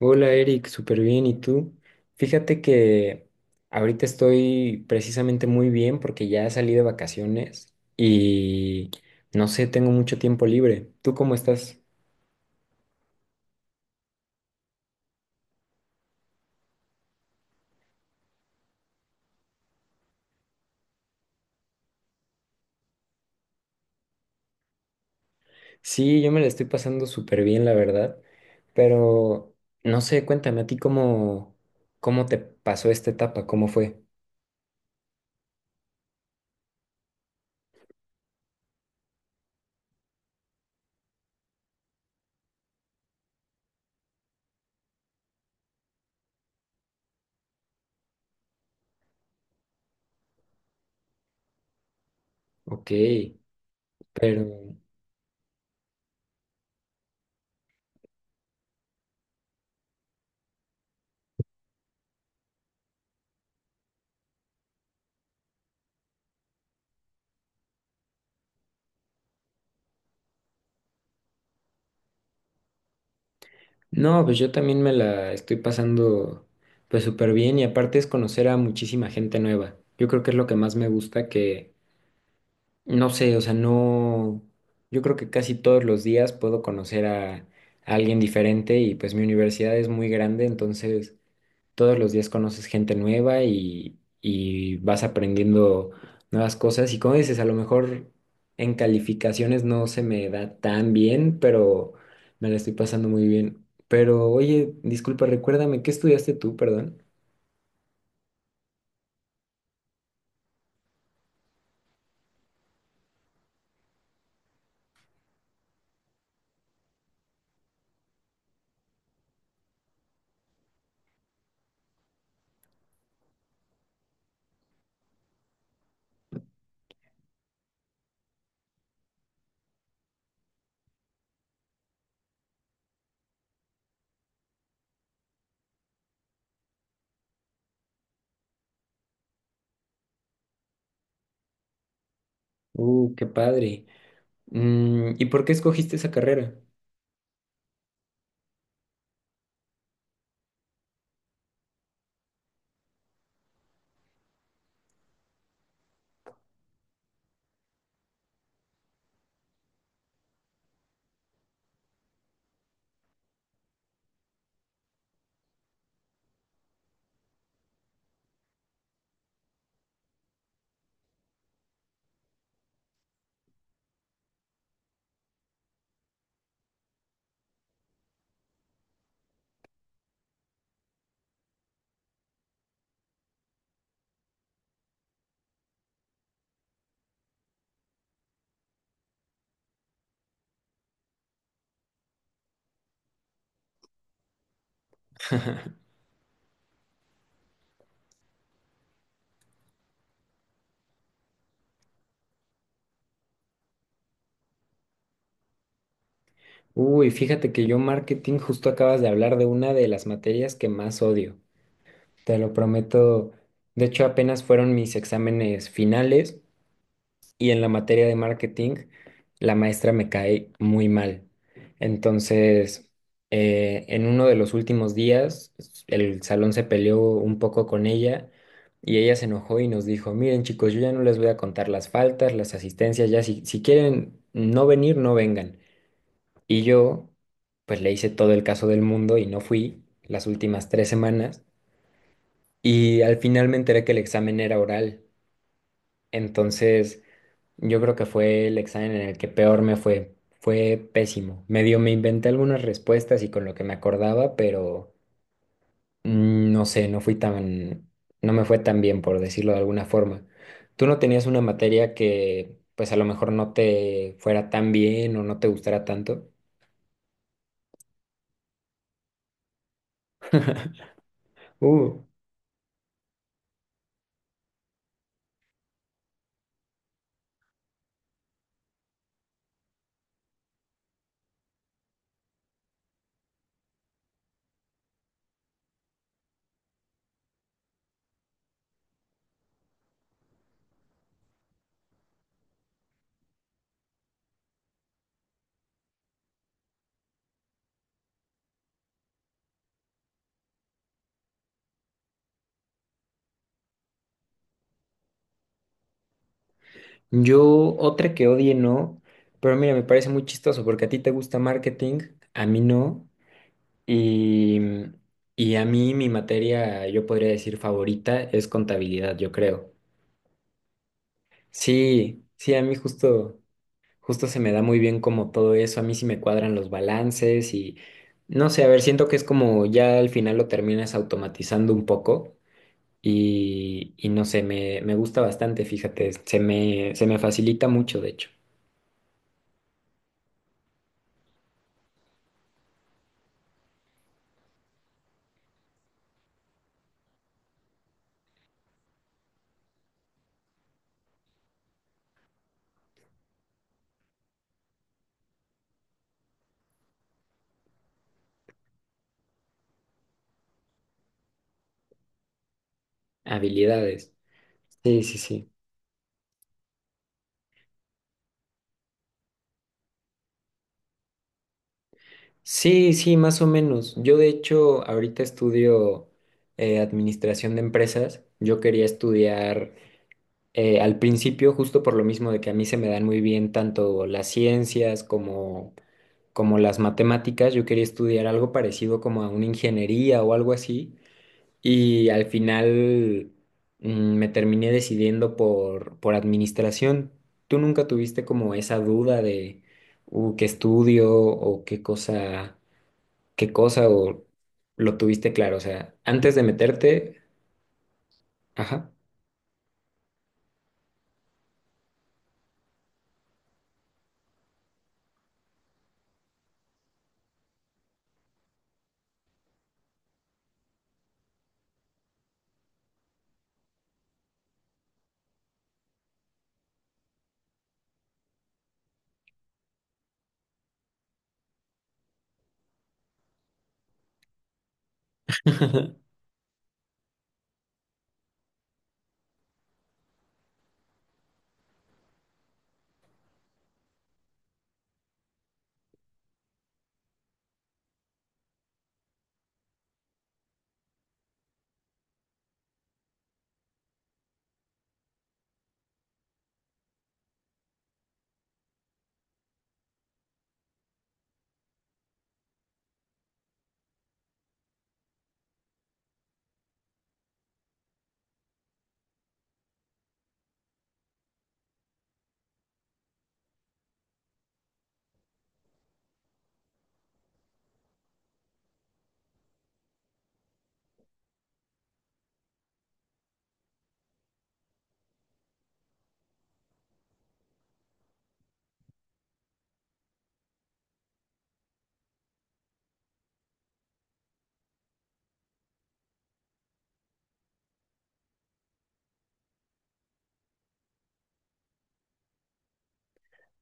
Hola Eric, súper bien. ¿Y tú? Fíjate que ahorita estoy precisamente muy bien porque ya salí de vacaciones y no sé, tengo mucho tiempo libre. ¿Tú cómo estás? Sí, yo me la estoy pasando súper bien, la verdad. Pero no sé, cuéntame a ti cómo te pasó esta etapa, cómo fue. Ok, pero No, pues yo también me la estoy pasando pues súper bien y aparte es conocer a muchísima gente nueva. Yo creo que es lo que más me gusta que, no sé, o sea, no, yo creo que casi todos los días puedo conocer a alguien diferente y pues mi universidad es muy grande, entonces todos los días conoces gente nueva y vas aprendiendo nuevas cosas. Y como dices, a lo mejor en calificaciones no se me da tan bien, pero me la estoy pasando muy bien. Pero oye, disculpa, recuérdame, ¿qué estudiaste tú, perdón? Qué padre. Mm, ¿y por qué escogiste esa carrera? Uy, fíjate que yo marketing justo acabas de hablar de una de las materias que más odio. Te lo prometo. De hecho, apenas fueron mis exámenes finales y en la materia de marketing la maestra me cae muy mal. Entonces, en uno de los últimos días, el salón se peleó un poco con ella y ella se enojó y nos dijo, miren chicos, yo ya no les voy a contar las faltas, las asistencias, ya si, quieren no venir, no vengan. Y yo, pues le hice todo el caso del mundo y no fui las últimas 3 semanas y al final me enteré que el examen era oral. Entonces... Yo creo que fue el examen en el que peor me fue. Fue pésimo. Medio me inventé algunas respuestas y con lo que me acordaba, pero no sé, no fui tan, no me fue tan bien, por decirlo de alguna forma. ¿Tú no tenías una materia que, pues a lo mejor no te fuera tan bien o no te gustara tanto? Uh, yo otra que odie no, pero mira, me parece muy chistoso porque a ti te gusta marketing, a mí no. Y, y a mí mi materia, yo podría decir favorita, es contabilidad, yo creo. Sí, sí, a mí justo, se me da muy bien como todo eso, a mí sí me cuadran los balances y no sé, a ver, siento que es como ya al final lo terminas automatizando un poco y no sé, me, gusta bastante, fíjate, se me facilita mucho, de hecho, habilidades. Sí, sí, sí. Sí, sí, más o menos. Yo de hecho ahorita estudio administración de empresas. Yo quería estudiar al principio justo por lo mismo de que a mí se me dan muy bien tanto las ciencias como, las matemáticas. Yo quería estudiar algo parecido como a una ingeniería o algo así. Y al final me terminé decidiendo por administración. ¿Tú nunca tuviste como esa duda de qué estudio o qué cosa? ¿Qué cosa o lo tuviste claro? O sea, antes de meterte, ajá.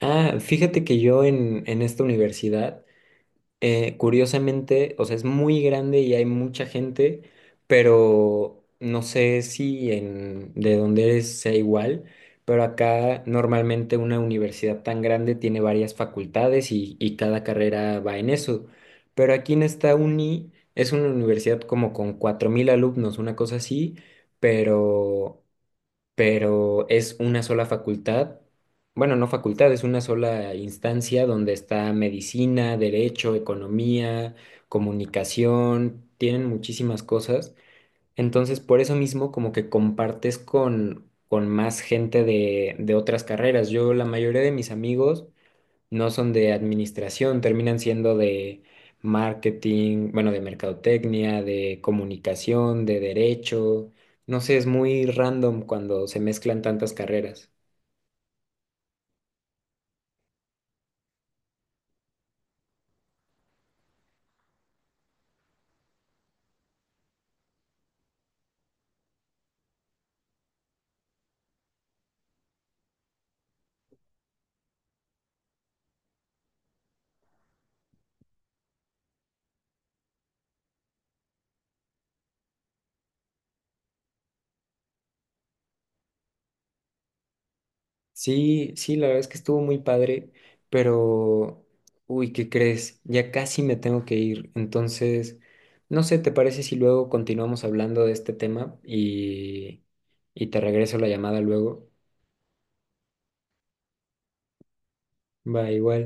Ah, fíjate que yo en esta universidad curiosamente, o sea, es muy grande y hay mucha gente, pero no sé si en, de donde eres sea igual, pero acá normalmente una universidad tan grande tiene varias facultades y cada carrera va en eso. Pero aquí en esta uni es una universidad como con 4000 alumnos, una cosa así, pero pero es una sola facultad, bueno, no facultad, es una sola instancia donde está medicina, derecho, economía, comunicación, tienen muchísimas cosas. Entonces, por eso mismo, como que compartes con, más gente de otras carreras. Yo, la mayoría de mis amigos, no son de administración, terminan siendo de marketing, bueno, de mercadotecnia, de comunicación, de derecho. No sé, es muy random cuando se mezclan tantas carreras. Sí, sí, la verdad es que estuvo muy padre, pero, uy, ¿qué crees? Ya casi me tengo que ir. Entonces, no sé, ¿te parece si luego continuamos hablando de este tema y te regreso la llamada luego? Va, igual.